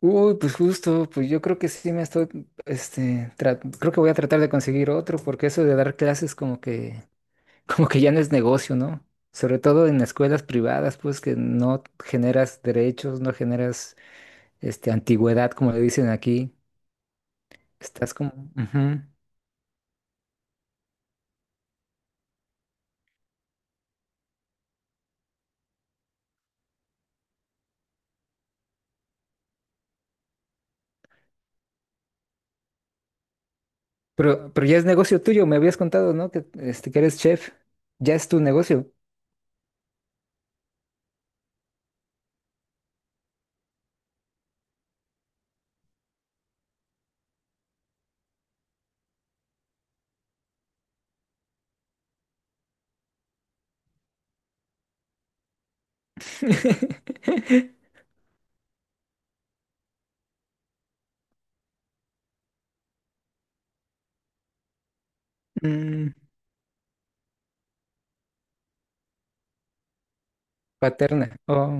Uy, pues justo, pues yo creo que sí me estoy, tra- creo que voy a tratar de conseguir otro, porque eso de dar clases como que, como que ya no es negocio, ¿no? Sobre todo en escuelas privadas, pues que no generas derechos, no generas, antigüedad, como le dicen aquí. Estás como, ujú. Pero ya es negocio tuyo, me habías contado, ¿no? Que, este, que eres chef, ya es tu negocio. Mm, paterna. Oh,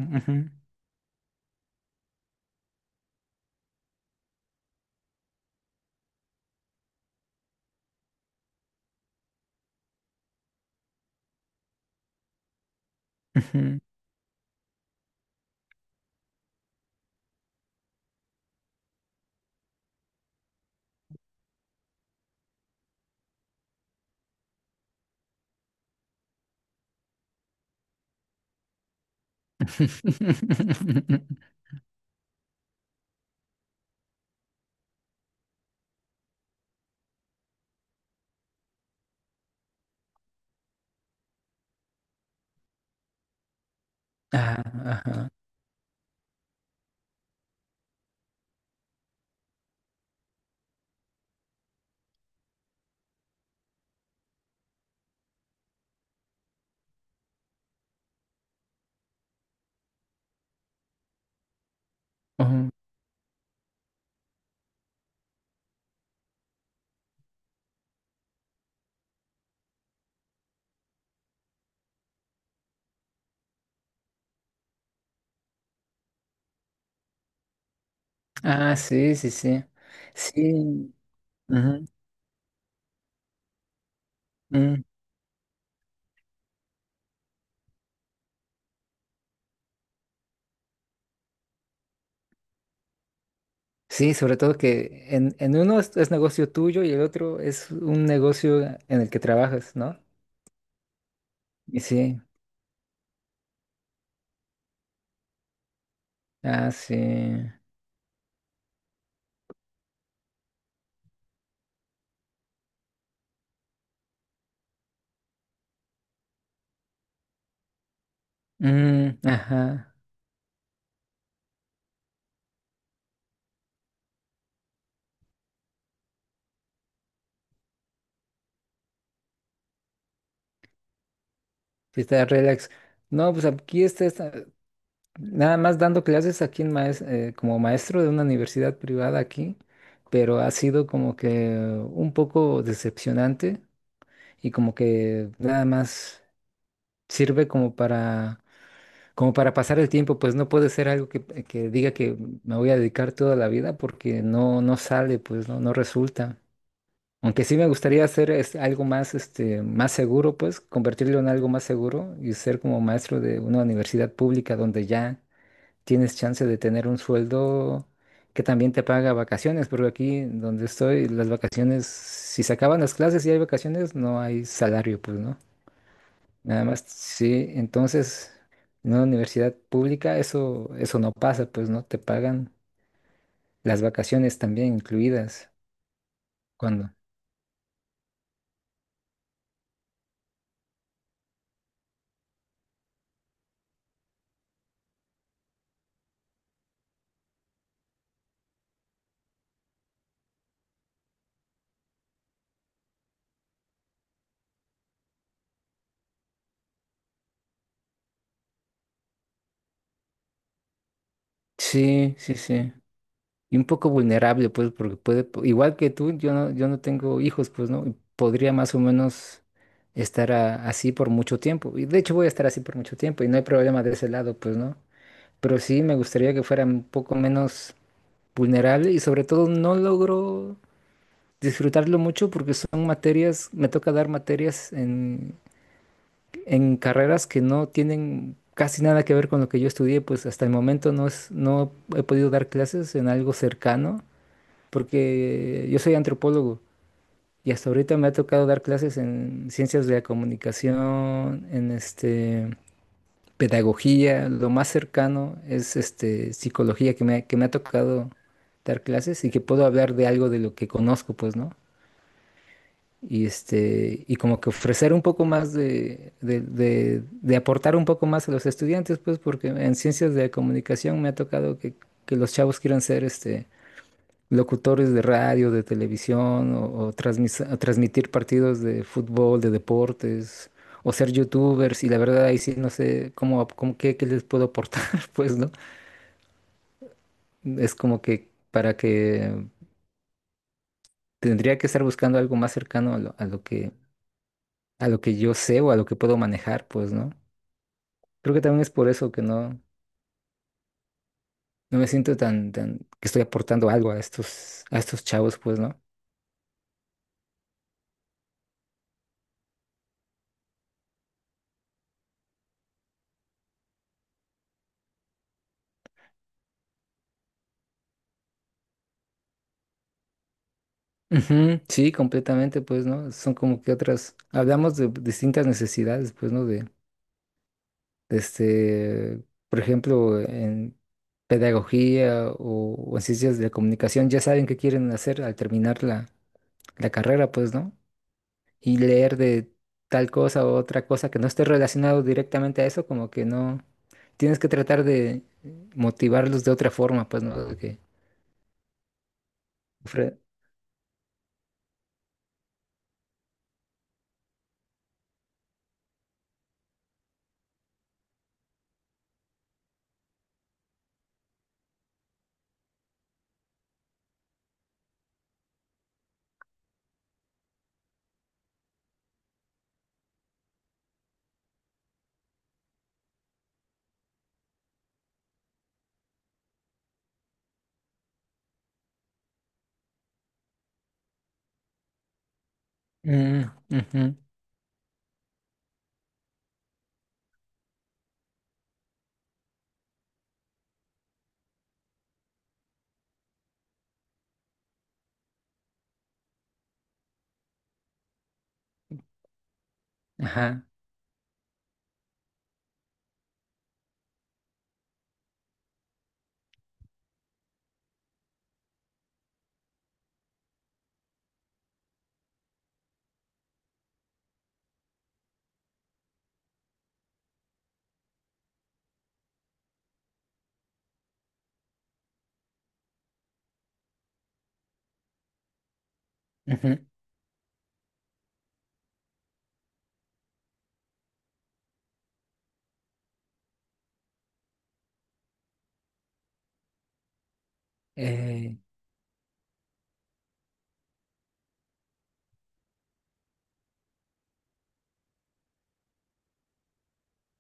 ujú, ujú. Ah, ajá. Ujú. Ah, sí, sí, sí. Sí. Ujú, mm. Sí, sobre todo que en uno es negocio tuyo y el otro es un negocio en el que trabajas, ¿no? Y sí. Ah, sí. Mm, ajá. Sí, está relax. No, pues aquí está, está- nada más dando clases aquí en maes- como maestro de una universidad privada aquí, pero ha sido como que un poco decepcionante y como que nada más sirve como para, como para pasar el tiempo, pues no puede ser algo que diga que me voy a dedicar toda la vida porque no, no sale, pues no, no resulta. Aunque sí me gustaría hacer es, algo más, este, más seguro, pues convertirlo en algo más seguro y ser como maestro de una universidad pública donde ya tienes chance de tener un sueldo que también te paga vacaciones, porque aquí donde estoy, las vacaciones, si se acaban las clases y hay vacaciones, no hay salario, pues, ¿no? Nada más, sí, entonces en una universidad pública eso, eso no pasa, pues no te pagan las vacaciones también incluidas. Cuando. Sí, sí, sí. Y un poco vulnerable, pues, porque puede, po- igual que tú, yo no tengo hijos, pues, ¿no? Y podría más o menos estar a- así por mucho tiempo. Y de hecho voy a estar así por mucho tiempo y no hay problema de ese lado, pues, ¿no? Pero sí me gustaría que fuera un poco menos vulnerable y sobre todo no logro disfrutarlo mucho porque son materias, me toca dar materias en carreras que no tienen casi nada que ver con lo que yo estudié, pues hasta el momento no es, no he podido dar clases en algo cercano, porque yo soy antropólogo y hasta ahorita me ha tocado dar clases en ciencias de la comunicación, en este pedagogía, lo más cercano es este psicología que me ha tocado dar clases y que puedo hablar de algo de lo que conozco, pues, ¿no? Y este, y como que ofrecer un poco más de, de aportar un poco más a los estudiantes, pues, porque en ciencias de la comunicación me ha tocado que los chavos quieran ser este locutores de radio, de televisión, o transmis- o transmitir partidos de fútbol, de deportes, o ser youtubers, y la verdad ahí sí no sé cómo, cómo qué, qué les puedo aportar, pues, ¿no? Es como que para que tendría que estar buscando algo más cercano a lo que yo sé o a lo que puedo manejar, pues, ¿no? Creo que también es por eso que no, no me siento tan, tan, que estoy aportando algo a estos chavos, pues, ¿no? Ujú, sí, completamente, pues, ¿no? Son como que otras, hablamos de distintas necesidades, pues, ¿no? De este, por ejemplo, en pedagogía o en ciencias de la comunicación, ya saben qué quieren hacer al terminar la, la carrera, pues, ¿no? Y leer de tal cosa o otra cosa que no esté relacionado directamente a eso, como que no, tienes que tratar de motivarlos de otra forma, pues, ¿no? De que ofre- Mm, ujú, ajá, ujú, eh,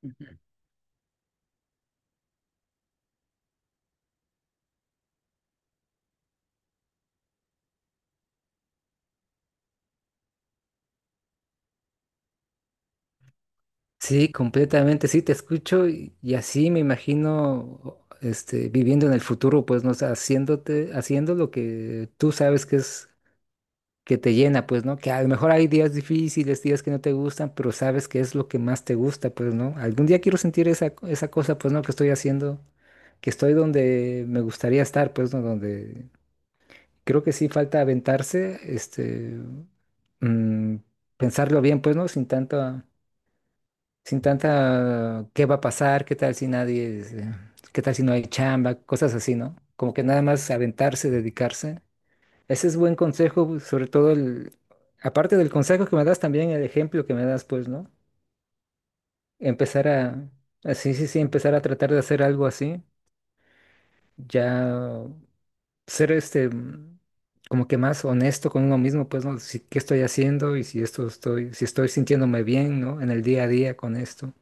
ujú. Sí, completamente, sí, te escucho y así me imagino. Este, viviendo en el futuro, pues, no sé, haciéndote, haciendo lo que tú sabes que es que te llena, pues, ¿no? Que a lo mejor hay días difíciles, días que no te gustan, pero sabes que es lo que más te gusta, pues, ¿no? Algún día quiero sentir esa, esa cosa, pues, ¿no? Que estoy haciendo, que estoy donde me gustaría estar, pues, ¿no? Donde creo que sí falta aventarse, este, mm, pensarlo bien, pues, ¿no? Sin tanta, sin tanta, ¿qué va a pasar? ¿Qué tal si nadie, qué tal si no hay chamba? Cosas así, ¿no? Como que nada más aventarse, dedicarse ese es buen consejo, sobre todo el, aparte del consejo que me das, también el ejemplo que me das, pues, ¿no? Empezar a- sí, sí, sí, empezar a tratar de hacer algo así, ya ser este, mm, como que más honesto con uno mismo, pues, ¿no? Si, qué estoy haciendo y si esto estoy, si estoy sintiéndome bien, ¿no? En el día a día con esto.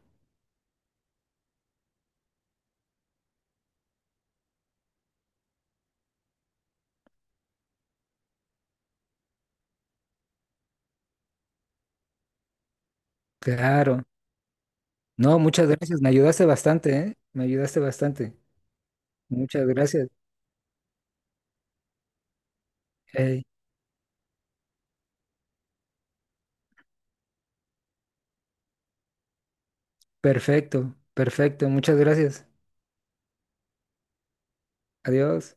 Claro. No, muchas gracias, me ayudaste bastante, ¿eh? Me ayudaste bastante. Muchas gracias. Ey, perfecto, perfecto, muchas gracias. Adiós.